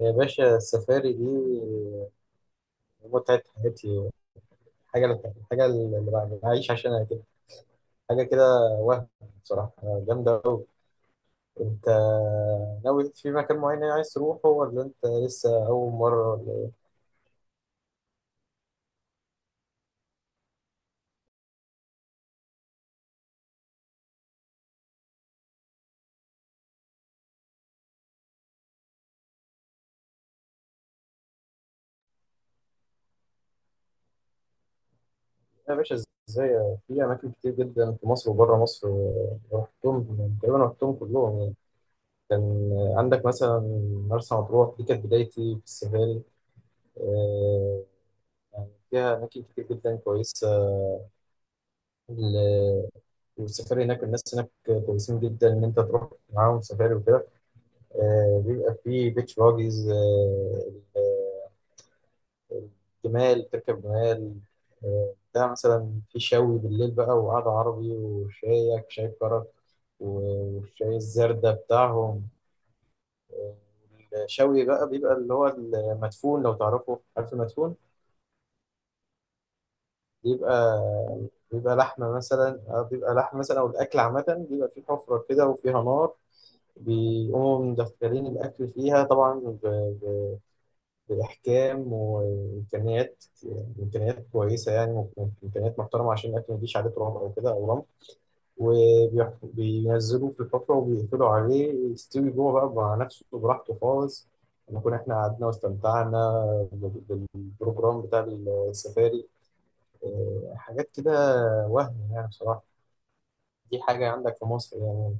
يا باشا، السفاري دي متعة حياتي. الحاجة اللي بعيش عشانها كده، حاجة كده، وهم بصراحة، جامدة أوي. أنت ناوي في مكان معين يعني عايز تروحه، ولا أنت لسه أول مرة، ولا إيه؟ يا باشا، إزاي، في أماكن كتير جدا في مصر وبره مصر، رحتهم تقريبا، رحتهم كلهم يعني. كان عندك مثلا مرسى مطروح، دي كانت بدايتي في السفاري. آه، يعني فيها أماكن كتير جدا كويسة. ال- والسفاري هناك، الناس هناك كويسين جدا ان انت تروح معاهم سفاري وكده. بيبقى فيه بيتش باجيز، جمال، تركب جمال. بتاع مثلا، في شوي بالليل بقى، وقعدة عربي، وشايك شاي كرك. والشاي الزردة بتاعهم. الشوي بقى بيبقى اللي هو المدفون، لو تعرفه، عارف المدفون؟ بيبقى بيبقى لحمة مثلا. بيبقى لحمة مثلا، أو الأكل عامة، بيبقى فيه حفرة كده وفيها نار. بيقوموا مدخلين الأكل فيها طبعا، ب- بإحكام وإمكانيات. إمكانيات كويسة يعني، إمكانيات محترمة، عشان الأكل ما يجيش عليه تراب أو كده أو رمل. وبينزلوه في الحفرة وبيقفلوا عليه، يستوي جوه بقى مع نفسه براحته خالص. نكون إحنا قعدنا واستمتعنا بالبروجرام بتاع السفاري. حاجات كده، وهم يعني بصراحة. دي حاجة عندك في مصر يعني.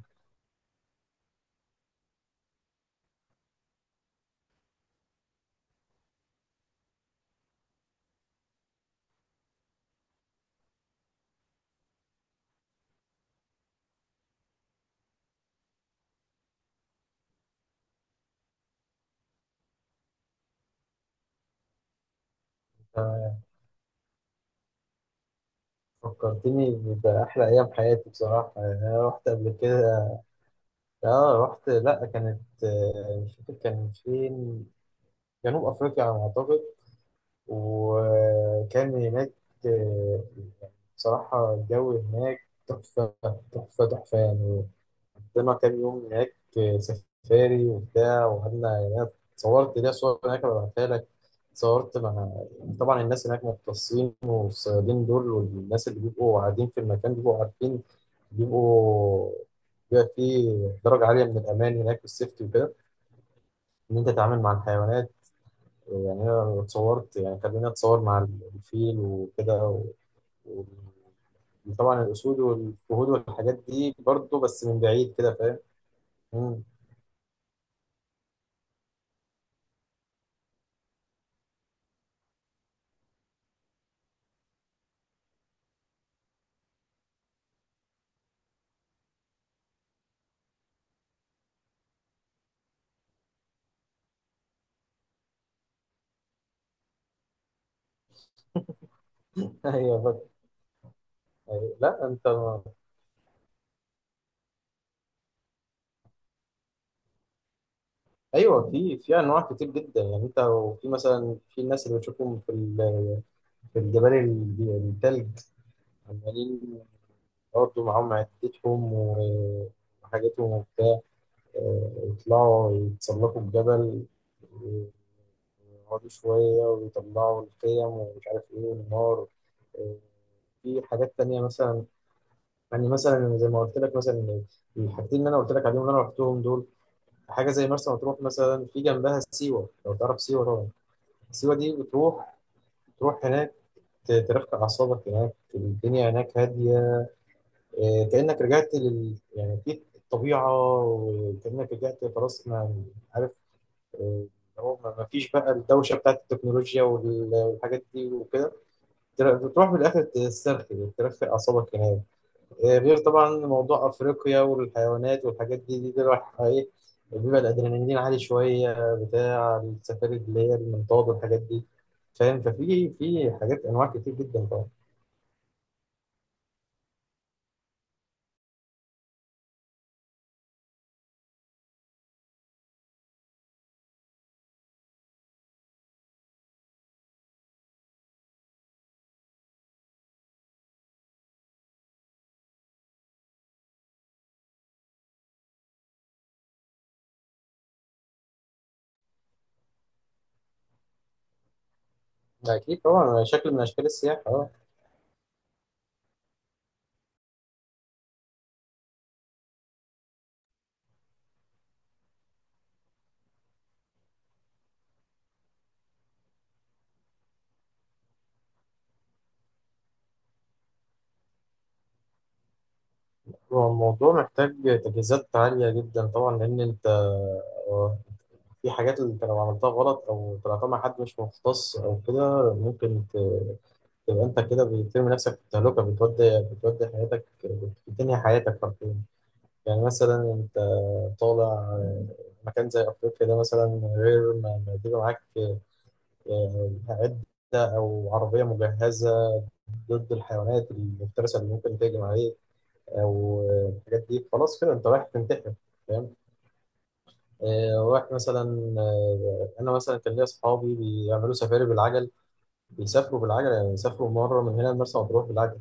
فكرتني بأحلى أيام حياتي، بصراحة. يعني أنا رحت قبل كده. آه رحت، لأ كانت، مش فاكر كان فين. جنوب أفريقيا على ما أعتقد. وكان هناك، يعني بصراحة الجو هناك تحفة، تحفة تحفة يعني. قضينا كام يوم هناك. سفاري وبتاع، وقعدنا هناك. صورت ليا صور هناك، ببعتها لك. صورت مع، طبعا الناس هناك مختصين، والصيادين دول والناس اللي بيبقوا قاعدين في المكان بيبقوا عارفين. بيبقوا بيبقى فيه درجة عالية من الأمان هناك، والسيفتي وكده، إن أنت تتعامل مع الحيوانات. يعني أنا اتصورت، يعني خليني أتصور مع الفيل وكده، و- وطبعا الأسود والفهود والحاجات دي برضه، بس من بعيد كده. فاهم؟ ايوه فاكر. أيوة. لا انت. ايوه، في انواع كتير جدا يعني. انت وفي مثلا، في الناس اللي بتشوفهم في في الجبال، التلج، عمالين برضه معاهم عدتهم وحاجتهم وبتاع. يطلعوا يتسلقوا الجبل، ويقعدوا شوية ويطلعوا الخيم ومش عارف إيه، والنار. آه، في حاجات تانية مثلا. يعني مثلا زي ما قلت لك مثلا، الحاجتين اللي أنا قلت لك عليهم، اللي أنا رحتهم دول. حاجه زي مرسى مطروح مثلا، في جنبها سيوه، لو تعرف سيوه طبعا. سيوه دي تروح هناك، ترفع اعصابك هناك، الدنيا هناك هاديه. كانك رجعت يعني في الطبيعه، وكانك رجعت خلاص ما عارف. آه، هو ما فيش بقى الدوشه بتاعت التكنولوجيا والحاجات دي وكده. بتروح في الاخر تسترخي، ترفع اعصابك هناك. غير طبعا موضوع افريقيا والحيوانات والحاجات دي، دي راح ايه. بيبقى الادرينالين عالي شويه، بتاع السفاري اللي هي المنطاد والحاجات دي. فاهم؟ في حاجات، انواع كتير جدا طبعا. ده اكيد طبعا شكل من اشكال السياحه، اه. هو الموضوع محتاج تجهيزات عاليه جدا طبعا، لان انت، آه، في حاجات اللي انت لو عملتها غلط او طلعتها مع حد مش مختص او كده ممكن تبقى انت كده بترمي نفسك في التهلكه، بتودي بتودي حياتك، بتنهي حياتك حرفيا. يعني مثلا انت طالع مكان زي افريقيا ده مثلا، غير ما يجيبوا معاك، آه، ده او عربيه مجهزه ضد الحيوانات المفترسه اللي ممكن تهجم عليك، او الحاجات دي، خلاص كده انت رايح تنتحر. فاهم؟ رايح مثلا. انا مثلا كان ليا اصحابي بيعملوا سفاري بالعجل، بيسافروا بالعجل، يعني يسافروا مره من هنا لمرسى مطروح بالعجل.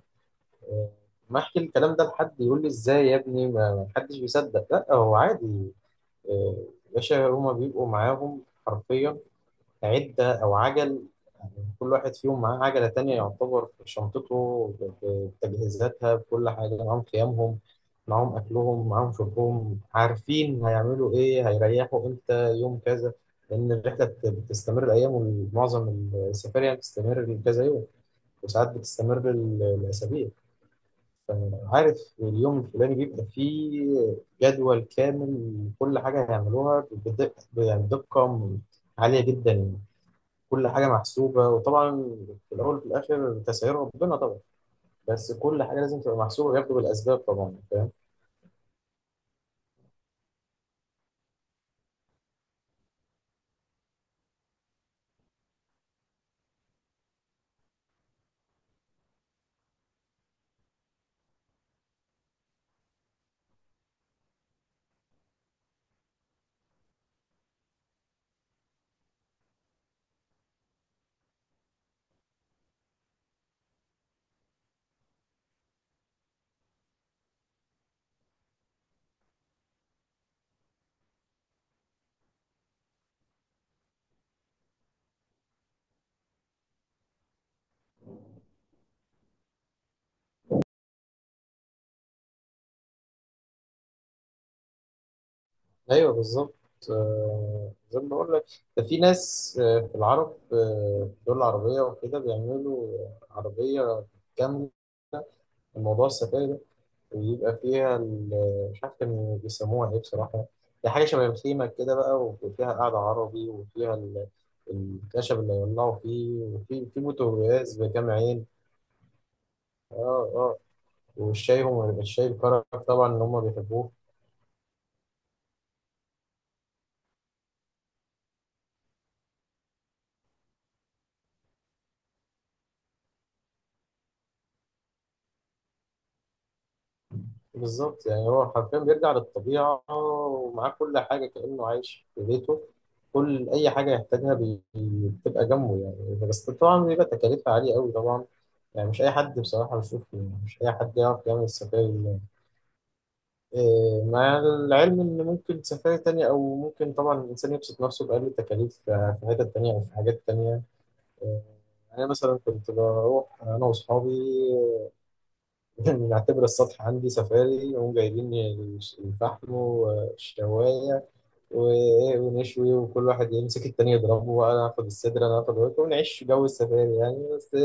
آه، ما احكي الكلام ده لحد يقول لي ازاي يا ابني، ما حدش بيصدق، لا هو عادي. آه، باشا، هما بيبقوا معاهم حرفيا، عدة أو عجل. كل واحد فيهم معاه عجلة تانية، يعتبر في شنطته بتجهيزاتها، بكل حاجة. معاهم خيامهم، معاهم أكلهم، معاهم شربهم. عارفين هيعملوا إيه، هيريحوا إمتى، يوم كذا، لأن الرحلة بتستمر الأيام. ومعظم السفاري يعني بتستمر كذا يوم، وساعات بتستمر الأسابيع. عارف اليوم الفلاني بيبقى فيه جدول كامل لكل حاجة هيعملوها، بدقة يعني، بدقة عالية جدا يعني. كل حاجة محسوبة. وطبعا في الأول وفي الآخر تسعير ربنا طبعا، بس كل حاجة لازم تبقى محسوبة، وياخدوا بالأسباب طبعا. فاهم؟ أيوه بالظبط. زي ما بقول لك، ده في ناس، في العرب، في الدول العربية وكده، بيعملوا عربية كاملة موضوع السفاري ده. ويبقى فيها مش عارف كانوا بيسموها ايه بصراحة. هي حاجة شبه الخيمة كده بقى، وفيها قعدة عربي، وفيها الخشب اللي يولعوا فيه، وفي بوتاجاز بكام عين. اه اه، والشاي، هم الشاي الكرك طبعا اللي هم بيحبوه. بالظبط، يعني هو حرفيا بيرجع للطبيعة ومعاه كل حاجة كأنه عايش في بيته. كل أي حاجة يحتاجها بتبقى جنبه يعني، بس طبعا بيبقى تكاليفها عالية أوي طبعا. يعني مش أي حد، بصراحة بشوف مش أي حد يعرف يعمل السفاري مع العلم إن ممكن سفاري تانية، أو ممكن طبعا الإنسان يبسط نفسه بأقل التكاليف في حتت تانية أو في حاجات تانية. إيه، أنا مثلا كنت بروح أنا وأصحابي، نعتبر السطح عندي سفاري، نقوم جايبين الفحم والشواية ونشوي، وكل واحد يمسك التاني يضربه، وأنا آخد الصدر أنا آخد الورك، ونعيش جو السفاري يعني، بس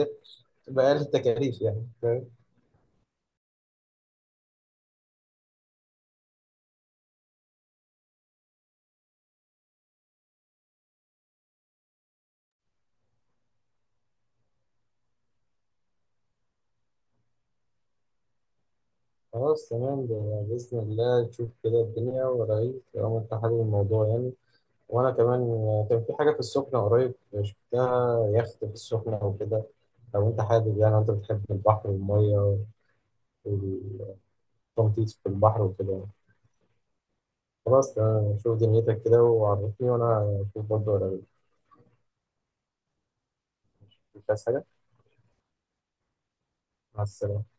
بأقل التكاليف يعني. فاهم؟ خلاص تمام. ده بإذن الله تشوف كده الدنيا ورايك، طالما أنت حابب الموضوع يعني. وأنا كمان، كان في حاجة في السخنة قريب، شفتها يخت في السخنة أو كده، لو أنت حابب، يعني أنت بتحب البحر والمية والتنطيط في البحر وكده. خلاص تمام، شوف دنيتك كده وعرفني وأنا أشوف برضه، ولا مش عايز حاجة. مع السلامة.